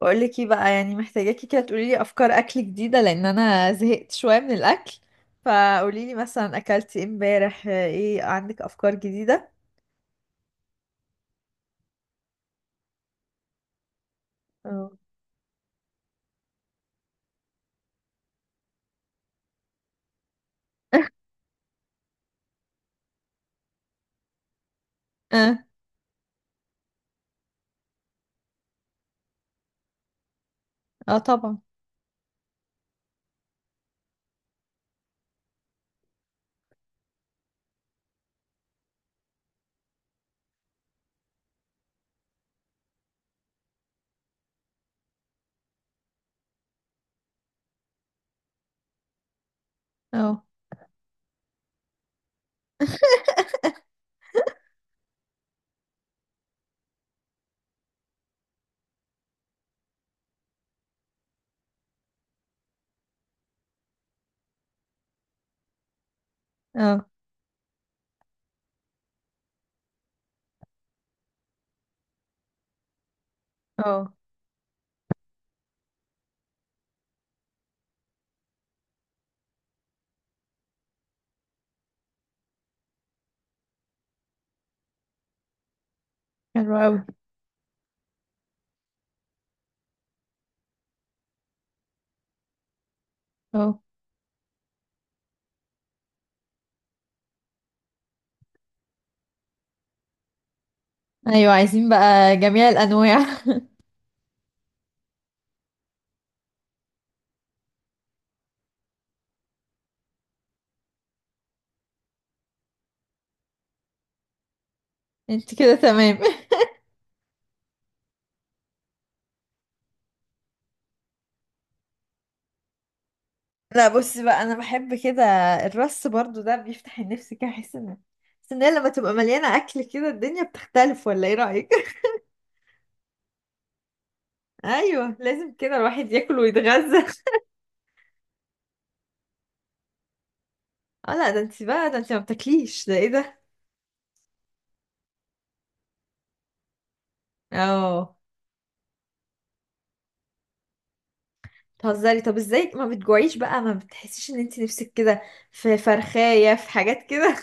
بقول لك ايه بقى، يعني محتاجاكي كده تقولي لي افكار اكل جديده لان انا زهقت شويه من الاكل. فقولي لي مثلا، اكلتي إيه امبارح؟ ايه عندك افكار جديده؟ اه. اه. آه طبعا. اه. اه. اه. حلو قوي. اه. ايوه، عايزين بقى جميع الانواع. انت كده تمام. لا، بصي بقى انا بحب كده. الرص برضو ده بيفتح النفس كده، احس ان بس ان هي لما تبقى مليانه اكل كده الدنيا بتختلف، ولا ايه رايك؟ ايوه، لازم كده الواحد ياكل ويتغذى. اه، لا ده انت بقى، ده انت ما بتاكليش، ده ايه ده؟ اه. بتهزري، طب ازاي ما بتجوعيش بقى؟ ما بتحسيش ان انت نفسك كده في فرخايه، في حاجات كده؟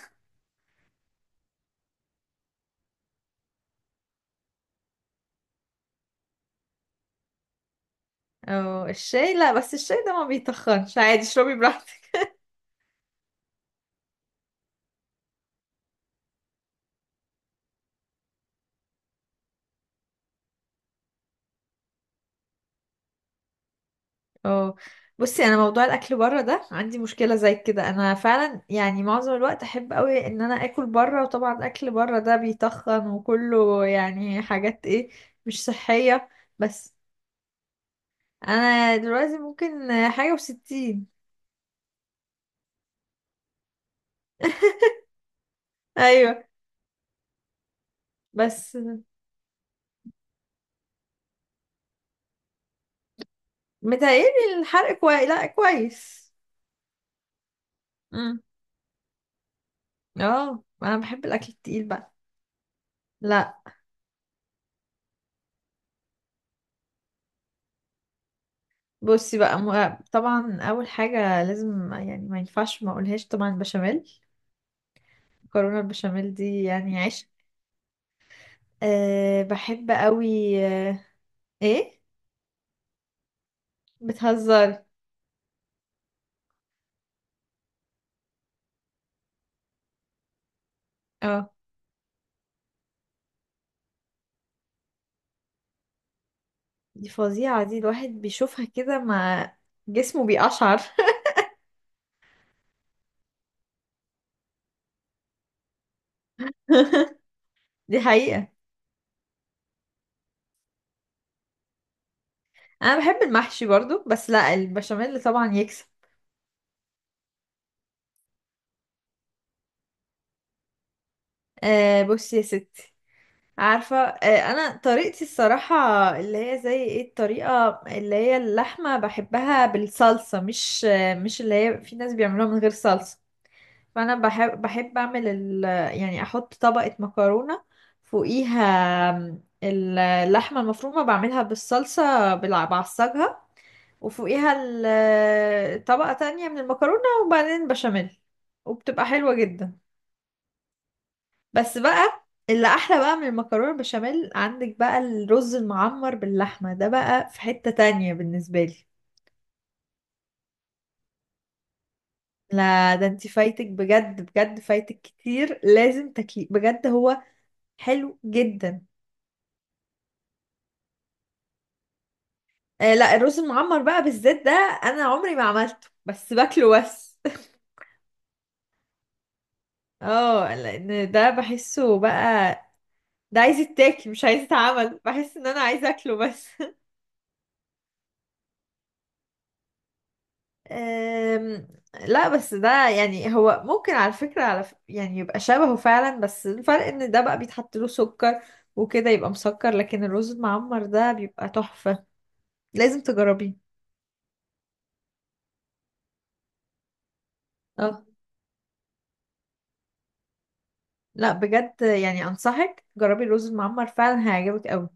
اه، الشاي لا، بس الشاي ده ما بيتخنش، عادي اشربي براحتك. اه. بصي، انا موضوع الاكل بره ده عندي مشكله زي كده، انا فعلا يعني معظم الوقت احب قوي ان انا اكل بره، وطبعا اكل بره ده بيتخن وكله يعني حاجات ايه، مش صحيه. بس. انا دلوقتي ممكن حاجه وستين. ايوه. بس. متهيألي الحرق كويس، لا كويس. امم. اه، انا بحب الاكل التقيل بقى. لا. بصي بقى، طبعا اول حاجه لازم يعني ما ينفعش ما اقولهاش، طبعا البشاميل. مكرونه البشاميل دي يعني عيش. أه بحب قوي أه. ايه. بتهزري. اه. دي فظيعه دي، الواحد بيشوفها كده ما جسمه بيقشعر. دي حقيقه. انا بحب المحشي برضو، بس لا البشاميل طبعا يكسب. أه بصي يا ستي. عارفة، أنا طريقتي الصراحة اللي هي زي ايه؟ الطريقة اللي هي اللحمة بحبها بالصلصة، مش اللي هي في ناس بيعملوها من غير صلصة. فأنا بحب أعمل يعني أحط طبقة مكرونة فوقيها، اللحمة المفرومة بعملها بالصلصة، بعصجها، وفوقيها طبقة تانية من المكرونة وبعدين بشاميل، وبتبقى حلوة جدا. بس بقى، اللي احلى بقى من المكرونه البشاميل، عندك بقى الرز المعمر باللحمه، ده بقى في حته تانية بالنسبه لي. لا ده انت فايتك بجد، بجد فايتك كتير، لازم تاكليه بجد، هو حلو جدا. آه لا، الرز المعمر بقى بالذات ده انا عمري ما عملته، بس باكله بس. اه، لان ده بحسه بقى، ده عايز يتاكل مش عايز يتعمل، بحس ان انا عايزه اكله بس. أم. لا، بس ده يعني هو ممكن، على فكرة يعني يبقى شبهه فعلا، بس الفرق ان ده بقى بيتحط له سكر وكده يبقى مسكر، لكن الرز المعمر ده بيبقى تحفة، لازم تجربيه. اه، لا بجد يعني انصحك، جربي الرز المعمر فعلا هيعجبك قوي.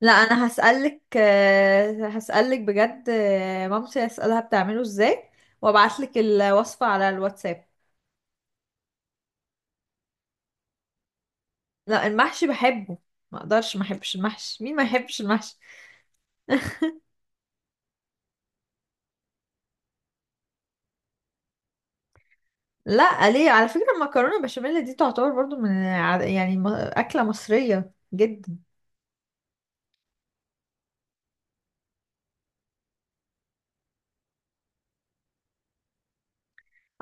لا، انا هسألك بجد، مامتي هسألها بتعمله ازاي، وابعتلك الوصفة على الواتساب. لا المحشي بحبه، ما اقدرش ما احبش المحشي، مين ما يحبش المحشي؟ لا ليه؟ على فكرة المكرونة بشاميل دي تعتبر برضو من أكلة مصرية جدا.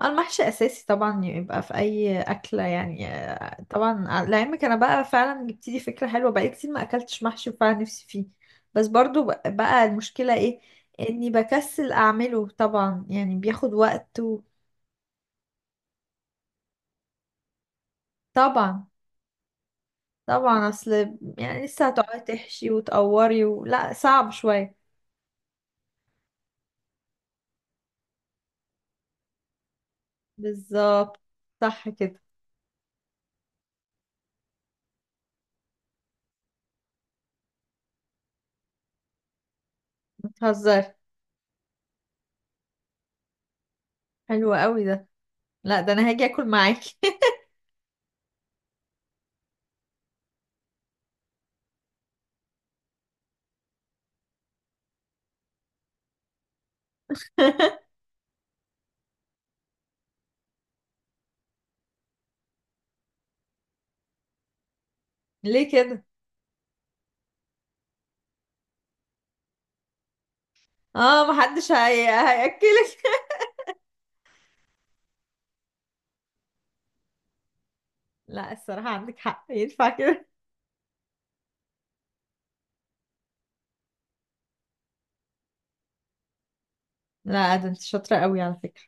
المحشي أساسي طبعا، يبقى في أي أكلة يعني. طبعا لعلمك أنا بقى فعلا جبت لي فكرة حلوة، بقالي كتير ما أكلتش محشي وفعلا نفسي فيه. بس برضو بقى المشكلة إيه؟ إني بكسل أعمله، طبعا يعني بياخد وقت طبعا. طبعا أصل، يعني لسه هتقعدي تحشي وتقوري، لا صعب شوية. بالظبط، صح كده. بتهزري. حلو قوي ده. لا ده انا هاجي اكل معاكي. ليه كده؟ اه، محدش هياكلك. لا، الصراحه عندك حق، ينفع كده؟ لا ده انت شاطره قوي على فكره.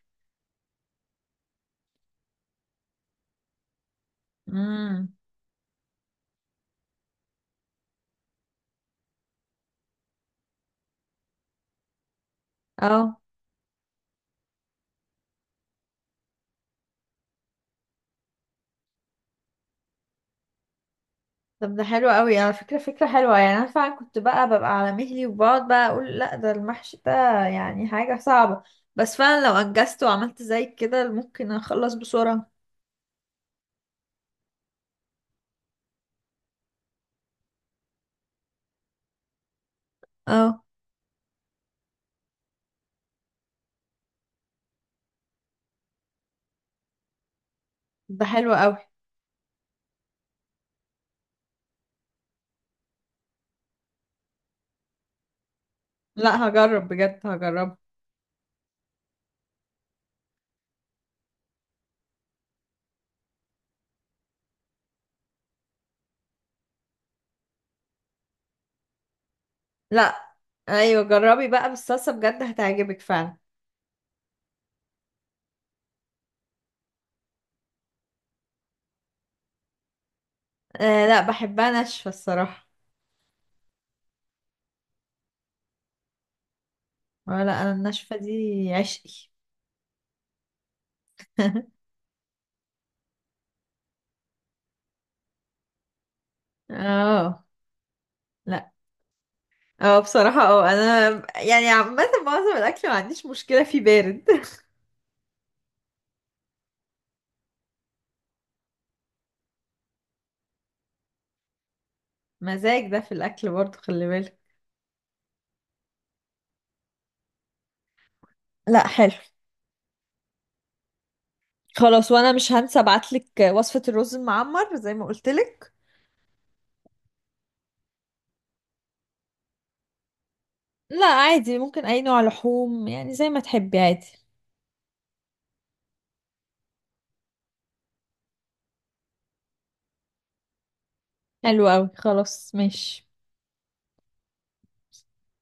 امم. اه، طب ده حلو قوي على فكره، فكره حلوه، يعني انا فعلا كنت بقى ببقى على مهلي وبقعد بقى اقول لا ده المحشي ده يعني حاجه صعبه، بس فعلا لو انجزت وعملت زي كده ممكن اخلص بسرعه. اه، ده حلو قوي. لا هجرب بجد، هجرب. لا ايوه، جربي بقى بالصلصه بجد هتعجبك فعلا. آه لا، بحبها ناشفة الصراحة. آه لا، انا الناشفة دي عشقي. اه. لا. اه، بصراحة اه، انا يعني عامة معظم الاكل ما عنديش مشكلة فيه بارد. مزاج ده في الاكل برضو، خلي بالك. لا حلو. خلاص، وانا مش هنسى ابعتلك وصفة الرز المعمر زي ما قلتلك. لا عادي، ممكن اي نوع لحوم، يعني زي ما تحبي عادي. حلو قوي، خلاص ماشي.